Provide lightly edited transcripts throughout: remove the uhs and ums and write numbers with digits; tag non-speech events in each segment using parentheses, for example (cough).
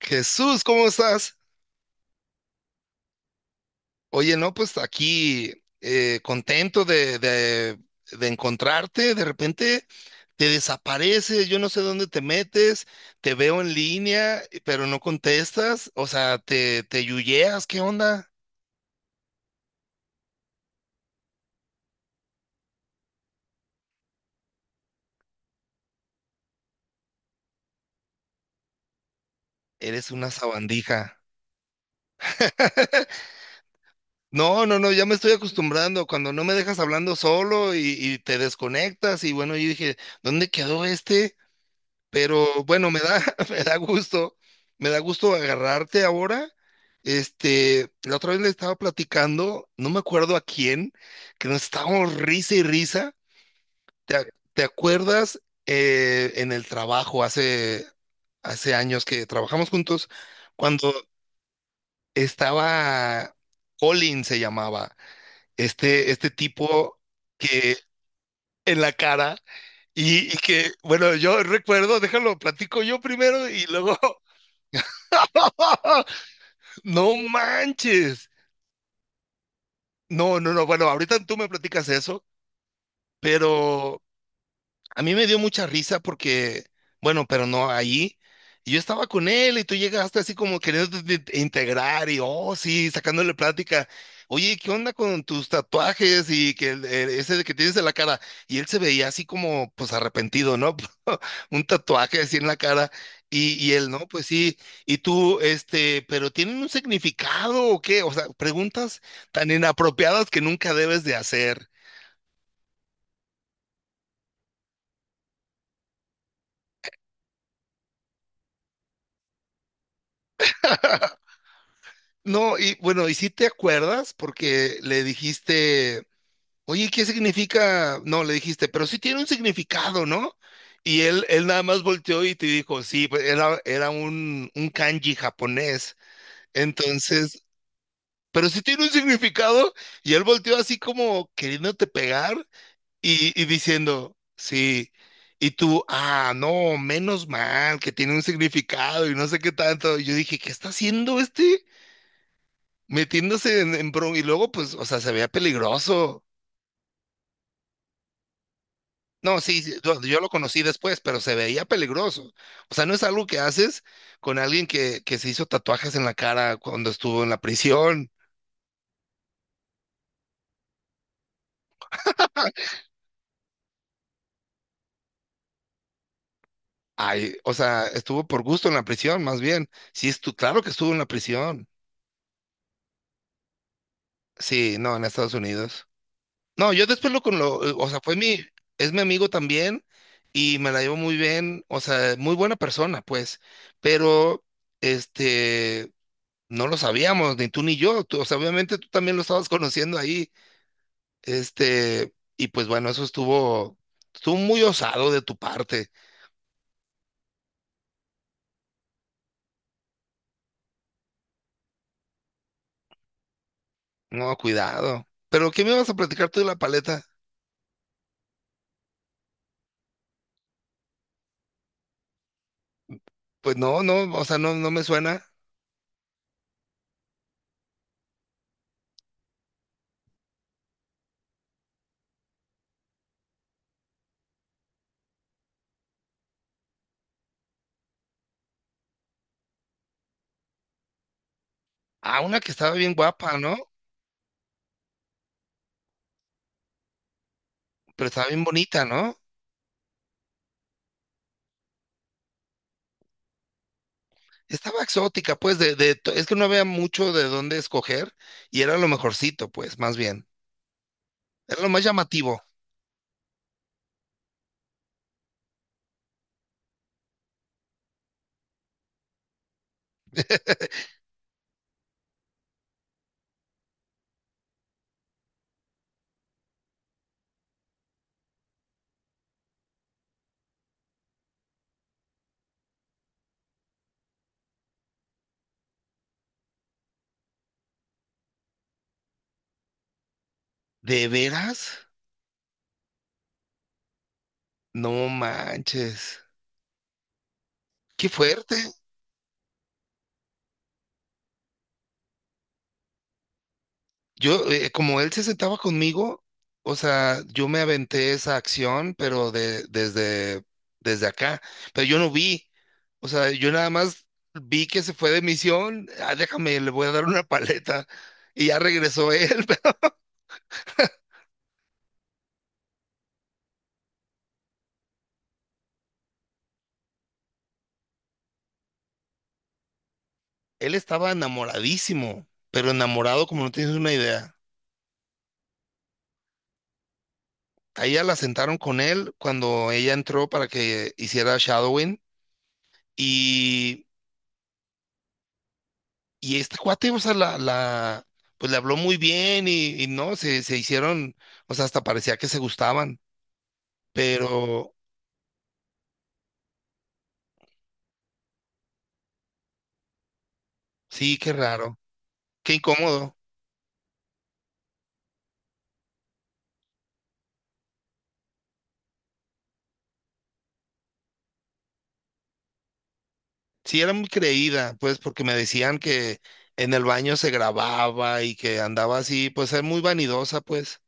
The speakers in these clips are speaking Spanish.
Jesús, ¿cómo estás? Oye, no, pues aquí contento de encontrarte. De repente te desapareces, yo no sé dónde te metes, te veo en línea, pero no contestas. O sea, te yuyeas, ¿qué onda? Eres una sabandija. (laughs) No, no, no, ya me estoy acostumbrando cuando no me dejas hablando solo y te desconectas. Y bueno, yo dije, ¿dónde quedó este? Pero bueno, me da, (laughs) me da gusto, me da gusto agarrarte ahora. Este, la otra vez le estaba platicando, no me acuerdo a quién, que nos estábamos risa y risa. ¿ te acuerdas en el trabajo hace años que trabajamos juntos, cuando estaba Colin se llamaba, este tipo que en la cara y que, bueno, yo recuerdo, déjalo, platico yo primero y luego (laughs) (laughs) No manches. No, no, no. Bueno, ahorita tú me platicas eso, pero a mí me dio mucha risa porque, bueno, pero no ahí. Y yo estaba con él y tú llegaste así como queriendo integrar y, oh, sí, sacándole plática. Oye, ¿qué onda con tus tatuajes y que ese de que tienes en la cara? Y él se veía así como, pues arrepentido, ¿no? (laughs) Un tatuaje así en la cara. Y él, ¿no? Pues sí. Y tú, este, pero ¿tienen un significado o qué? O sea, preguntas tan inapropiadas que nunca debes de hacer. No, y bueno, y si te acuerdas, porque le dijiste, oye, ¿qué significa? No, le dijiste, pero sí tiene un significado, ¿no? Y él nada más volteó y te dijo, sí, pues, era un kanji japonés. Entonces, pero sí tiene un significado. Y él volteó así como queriéndote pegar y diciendo, sí. Y tú, ah, no, menos mal, que tiene un significado y no sé qué tanto. Y yo dije, ¿qué está haciendo este? Metiéndose y luego pues, o sea, se veía peligroso. No, sí, sí, yo lo conocí después, pero se veía peligroso. O sea, no es algo que haces con alguien que se hizo tatuajes en la cara cuando estuvo en la prisión. Ay, o sea, estuvo por gusto en la prisión, más bien. Sí, claro que estuvo en la prisión. Sí, no, en Estados Unidos. No, yo después o sea, es mi amigo también y me la llevo muy bien, o sea, muy buena persona, pues. Pero, este, no lo sabíamos, ni tú ni yo. Tú- o sea, obviamente tú también lo estabas conociendo ahí. Este, y pues bueno, eso estuvo, estuvo muy osado de tu parte. No, cuidado. ¿Pero qué me ibas a platicar tú de la paleta? Pues no, no, o sea, no, no me suena. Ah, una que estaba bien guapa, ¿no? Pero estaba bien bonita, ¿no? Estaba exótica, pues, es que no había mucho de dónde escoger y era lo mejorcito, pues, más bien. Era lo más llamativo. ¿De veras? No manches. Qué fuerte. Yo, como él se sentaba conmigo, o sea, yo me aventé esa acción, pero desde acá, pero yo no vi, o sea, yo nada más vi que se fue de misión, ah, déjame, le voy a dar una paleta, y ya regresó él, (laughs) pero él estaba enamoradísimo, pero enamorado como no tienes una idea. Ahí ya la sentaron con él cuando ella entró para que hiciera shadowing, y Y este cuate, o sea, pues le habló muy bien y no, se hicieron, o sea, hasta parecía que se gustaban, pero sí, qué raro, qué incómodo. Sí, era muy creída, pues, porque me decían que en el baño se grababa y que andaba así, pues, es muy vanidosa, pues.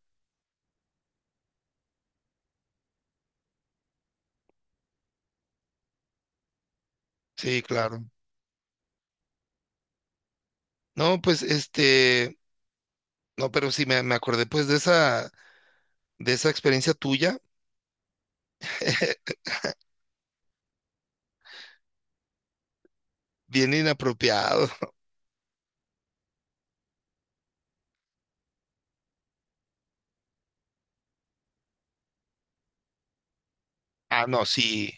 Sí, claro. No, pues, este, no, pero sí me acordé, pues, de esa experiencia tuya, (laughs) bien inapropiado. (laughs) Ah, no, sí.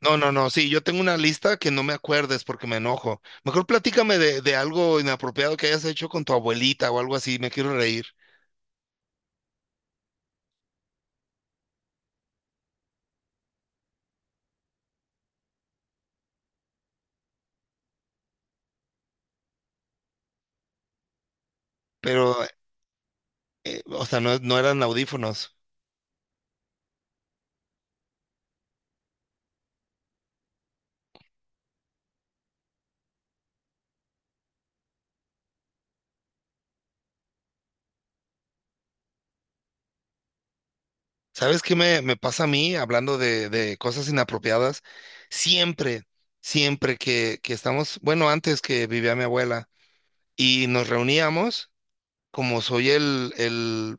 No, no, no, sí, yo tengo una lista que no me acuerdes porque me enojo. Mejor platícame de algo inapropiado que hayas hecho con tu abuelita o algo así, me quiero reír. Pero, o sea, no, no eran audífonos. ¿Sabes qué me pasa a mí hablando de cosas inapropiadas? Siempre, siempre que estamos, bueno, antes que vivía mi abuela y nos reuníamos, como soy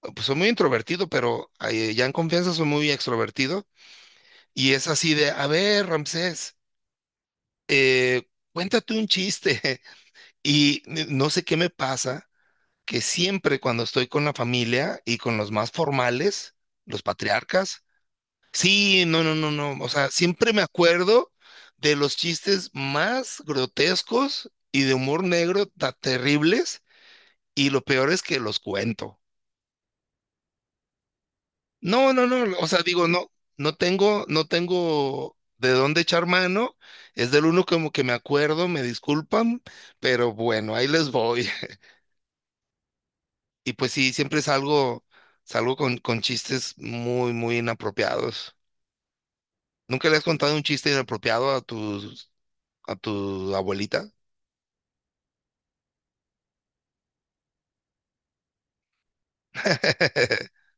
pues soy muy introvertido, pero ya en confianza soy muy extrovertido. Y es así de, a ver, Ramsés. eh, Cuéntate un chiste. (laughs) Y no sé qué me pasa, que siempre cuando estoy con la familia y con los más formales, los patriarcas, sí, no, no, no, no, o sea, siempre me acuerdo de los chistes más grotescos y de humor negro tan terribles, y lo peor es que los cuento. No, no, no, o sea, digo, no, no tengo, no tengo de dónde echar mano, es del uno como que me acuerdo, me disculpan, pero bueno, ahí les voy. Y pues sí, siempre salgo, salgo con chistes muy, muy inapropiados. ¿Nunca le has contado un chiste inapropiado a tus, a tu abuelita? (laughs)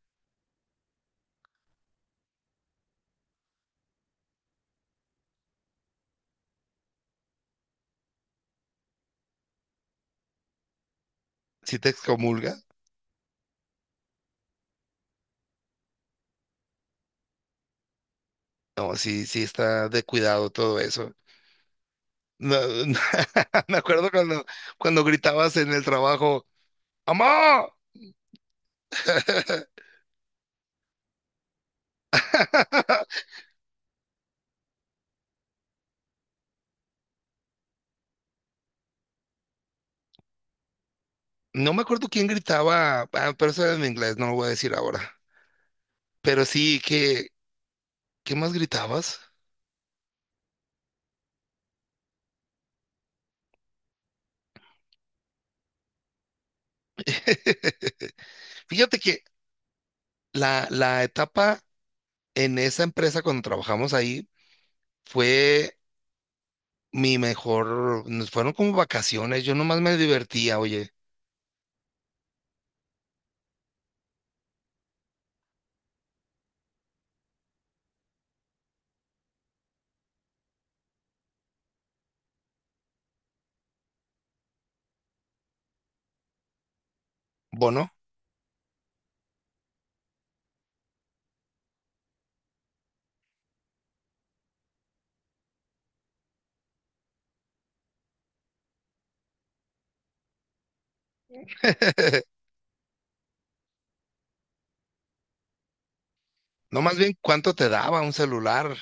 ¿Sí te excomulga? No, sí, sí está de cuidado todo eso. No, no, (laughs) me acuerdo cuando, cuando gritabas en el trabajo, ¡Amá! (laughs) No me acuerdo quién gritaba, ah, pero eso era en inglés, no lo voy a decir ahora. Pero sí, ¿qué, qué más gritabas? (laughs) Fíjate que la etapa en esa empresa cuando trabajamos ahí fue mi mejor, nos fueron como vacaciones, yo nomás me divertía, oye, bono, (laughs) no más bien cuánto te daba un celular,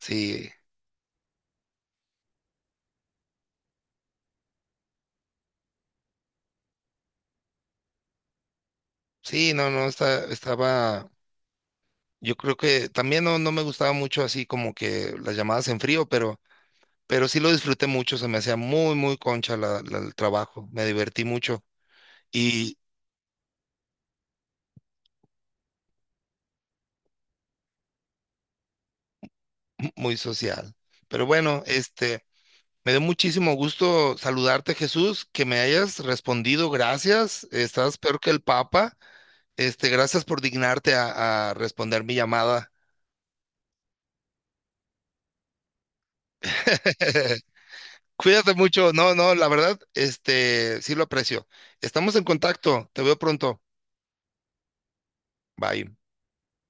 sí, sí, no, no, estaba, yo creo que también no, no me gustaba mucho así como que las llamadas en frío, pero sí lo disfruté mucho, se me hacía muy, muy concha el trabajo, me divertí mucho y muy social. Pero bueno, este... Me dio muchísimo gusto saludarte, Jesús, que me hayas respondido. Gracias. Estás peor que el Papa. Este, gracias por dignarte a responder mi llamada. (laughs) Cuídate mucho. No, no, la verdad, este, sí lo aprecio. Estamos en contacto. Te veo pronto. Bye.